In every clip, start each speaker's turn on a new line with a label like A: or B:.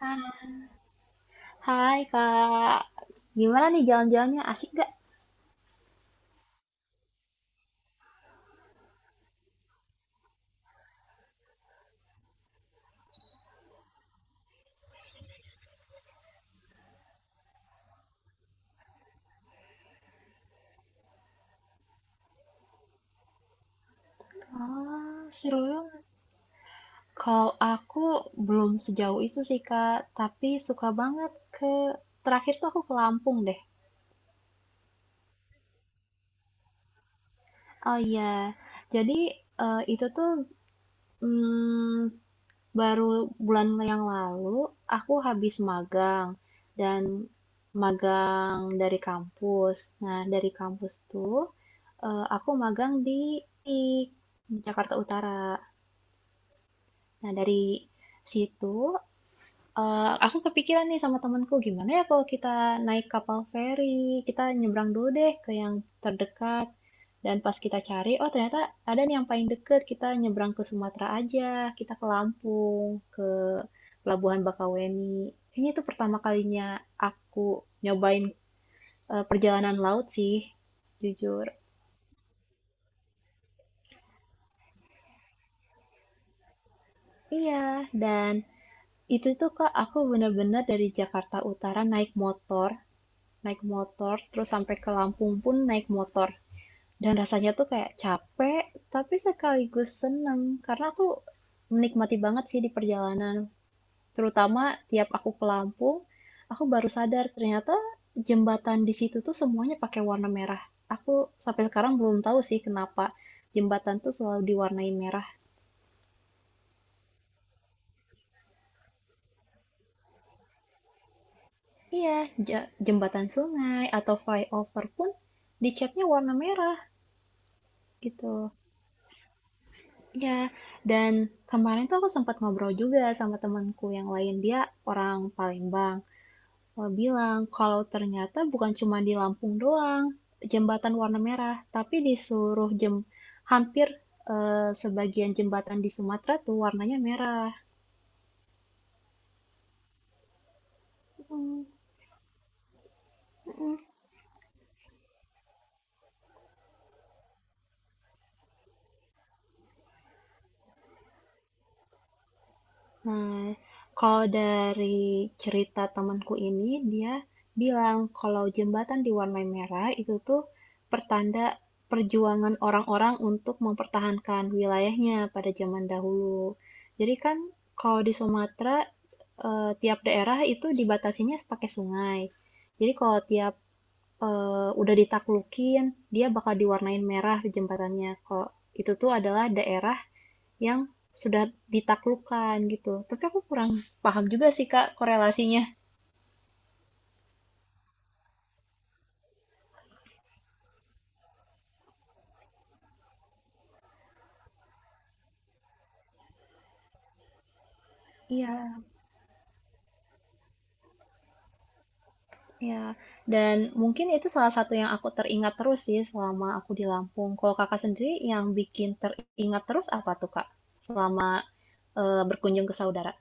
A: Ah, hai Kak, gimana nih jalan-jalannya? Asik gak? Ah, seru banget. Kalau aku belum sejauh itu sih Kak, tapi suka banget ke terakhir tuh aku ke Lampung deh. Oh iya, jadi itu tuh mm, baru bulan yang lalu aku habis magang dan magang dari kampus. Nah, dari kampus tuh aku magang di, IK, di Jakarta Utara. Nah, dari situ, aku kepikiran nih sama temanku, gimana ya kalau kita naik kapal feri, kita nyebrang dulu deh ke yang terdekat. Dan pas kita cari, oh ternyata ada nih yang paling deket, kita nyebrang ke Sumatera aja, kita ke Lampung, ke Pelabuhan Bakaweni. Kayaknya itu pertama kalinya aku nyobain perjalanan laut sih, jujur. Iya, dan itu tuh Kak, aku bener-bener dari Jakarta Utara naik motor. Naik motor, terus sampai ke Lampung pun naik motor. Dan rasanya tuh kayak capek, tapi sekaligus seneng. Karena aku menikmati banget sih di perjalanan. Terutama tiap aku ke Lampung, aku baru sadar ternyata jembatan di situ tuh semuanya pakai warna merah. Aku sampai sekarang belum tahu sih kenapa jembatan tuh selalu diwarnai merah. Iya, jembatan sungai atau flyover pun dicatnya warna merah gitu. Ya, dan kemarin tuh aku sempat ngobrol juga sama temanku yang lain, dia orang Palembang. Dia bilang kalau ternyata bukan cuma di Lampung doang jembatan warna merah, tapi di seluruh hampir sebagian jembatan di Sumatera tuh warnanya merah. Mm, mm. Nah, kalau dari cerita temanku ini, dia bilang kalau jembatan diwarnai merah itu tuh pertanda perjuangan orang-orang untuk mempertahankan wilayahnya pada zaman dahulu. Jadi kan kalau di Sumatera, tiap daerah itu dibatasinya pakai sungai. Jadi kalau tiap udah ditaklukin, dia bakal diwarnain merah jembatannya. Kok itu tuh adalah daerah yang sudah ditaklukkan gitu. Tapi aku kurang paham juga sih Kak korelasinya. Iya, iya, dan mungkin itu salah satu yang aku teringat terus sih selama aku di Lampung. Kalau Kakak sendiri yang bikin teringat terus apa tuh Kak? Selama berkunjung ke saudara.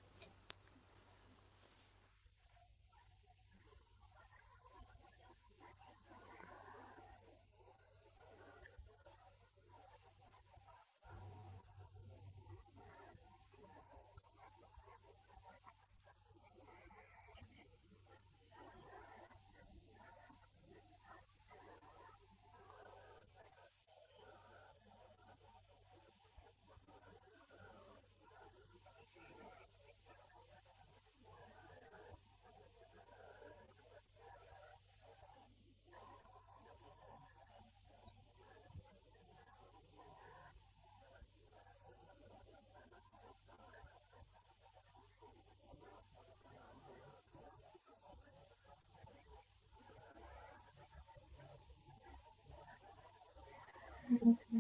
A: Mm.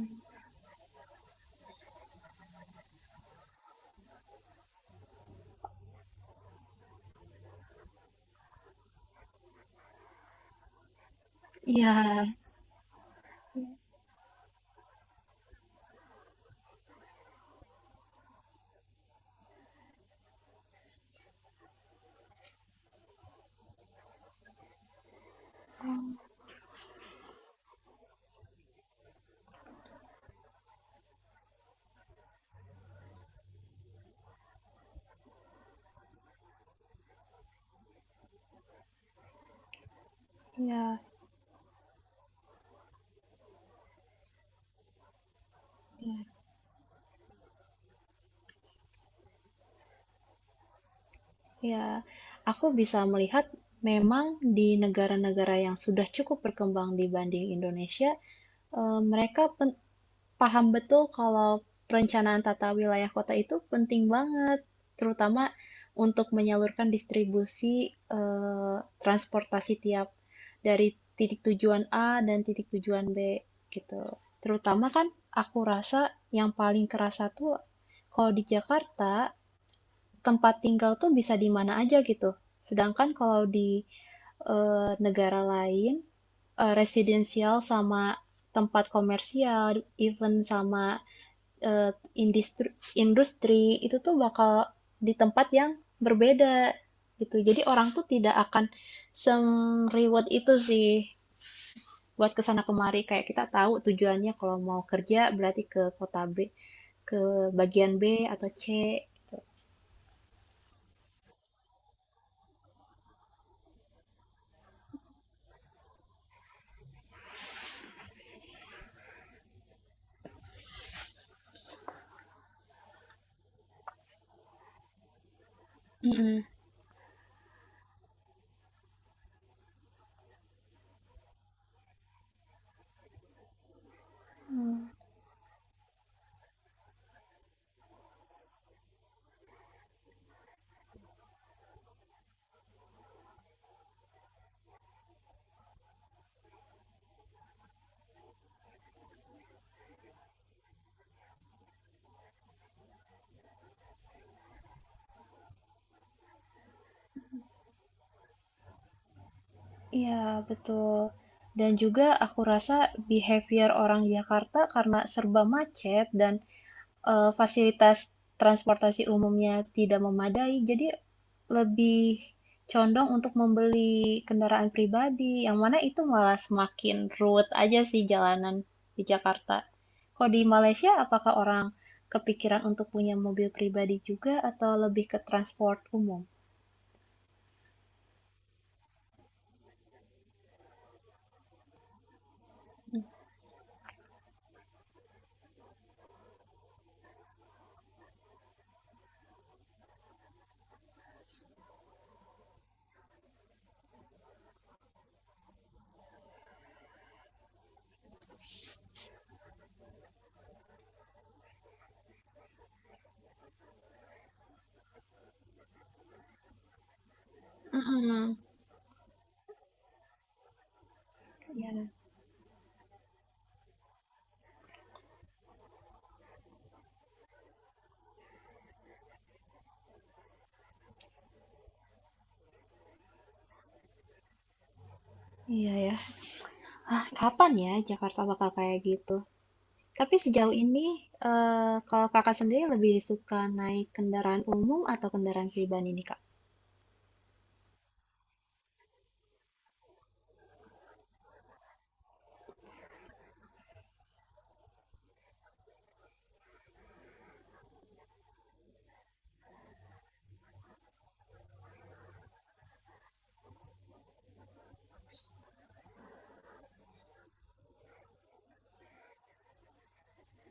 A: Iya. Oh, iya, iya. Ya, aku bisa melihat memang di negara-negara yang sudah cukup berkembang dibanding Indonesia, eh, paham betul kalau perencanaan tata wilayah kota itu penting banget, terutama untuk menyalurkan distribusi transportasi tiap dari titik tujuan A dan titik tujuan B gitu. Terutama kan aku rasa yang paling kerasa tuh kalau di Jakarta tempat tinggal tuh bisa di mana aja gitu. Sedangkan kalau di negara lain residensial sama tempat komersial, even sama eee, indistru industri, itu tuh bakal di tempat yang berbeda, gitu. Jadi orang tuh tidak akan se-reward itu sih buat kesana kemari. Kayak kita tahu tujuannya kalau mau kerja berarti ke kota B, ke bagian B atau C. Mhm. Mmm. Iya, betul. Dan juga aku rasa behavior orang Jakarta karena serba macet dan fasilitas transportasi umumnya tidak memadai, jadi lebih condong untuk membeli kendaraan pribadi, yang mana itu malah semakin ruwet aja sih jalanan di Jakarta. Kalau di Malaysia, apakah orang kepikiran untuk punya mobil pribadi juga atau lebih ke transport umum? Mm-mm. Ya, iya ya. Ah, kapan ya Jakarta bakal kayak gitu? Tapi sejauh ini, kalau kakak sendiri lebih suka naik kendaraan umum atau kendaraan pribadi nih, Kak?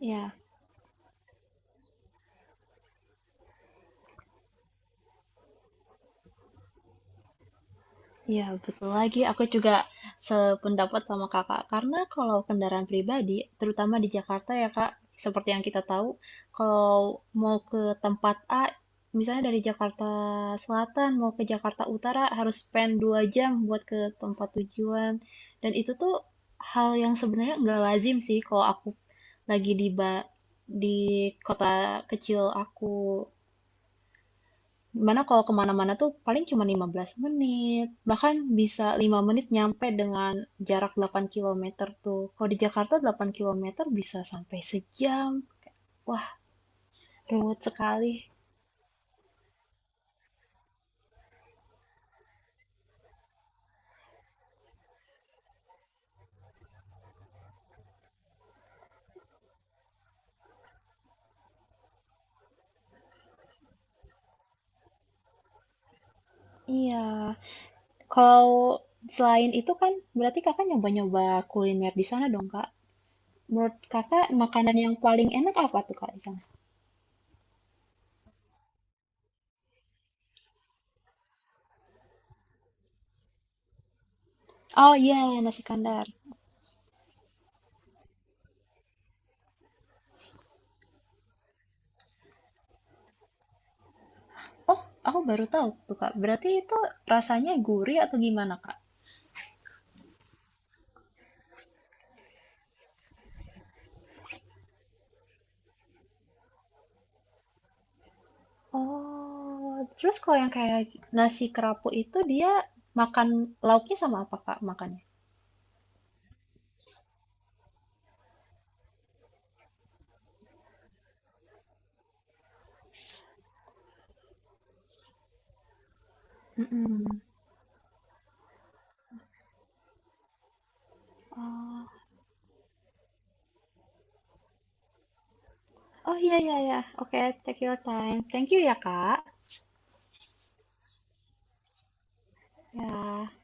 A: Ya, iya, betul lagi. Aku juga sependapat sama Kakak. Karena kalau kendaraan pribadi, terutama di Jakarta ya Kak, seperti yang kita tahu, kalau mau ke tempat A, misalnya dari Jakarta Selatan mau ke Jakarta Utara harus spend 2 jam buat ke tempat tujuan. Dan itu tuh hal yang sebenarnya nggak lazim sih kalau aku lagi di ba- di kota kecil aku dimana kalau kemana-mana tuh paling cuma 15 menit, bahkan bisa 5 menit nyampe dengan jarak 8 kilometer tuh. Kalau di Jakarta 8 kilometer bisa sampai sejam. Wah, ruwet sekali. Iya. Kalau selain itu kan berarti kakak nyoba-nyoba kuliner di sana dong, Kak. Menurut kakak makanan yang paling enak apa tuh, Kak, di sana? Oh iya, nasi kandar. Oh, aku baru tahu tuh, Kak. Berarti itu rasanya gurih atau gimana, Kak? Oh, terus kalau yang kayak nasi kerapu itu dia makan lauknya sama apa Kak makannya? Mm-mm. Oh, oh iya iya iya. Oke, take your time. Thank you ya Kak. Ya.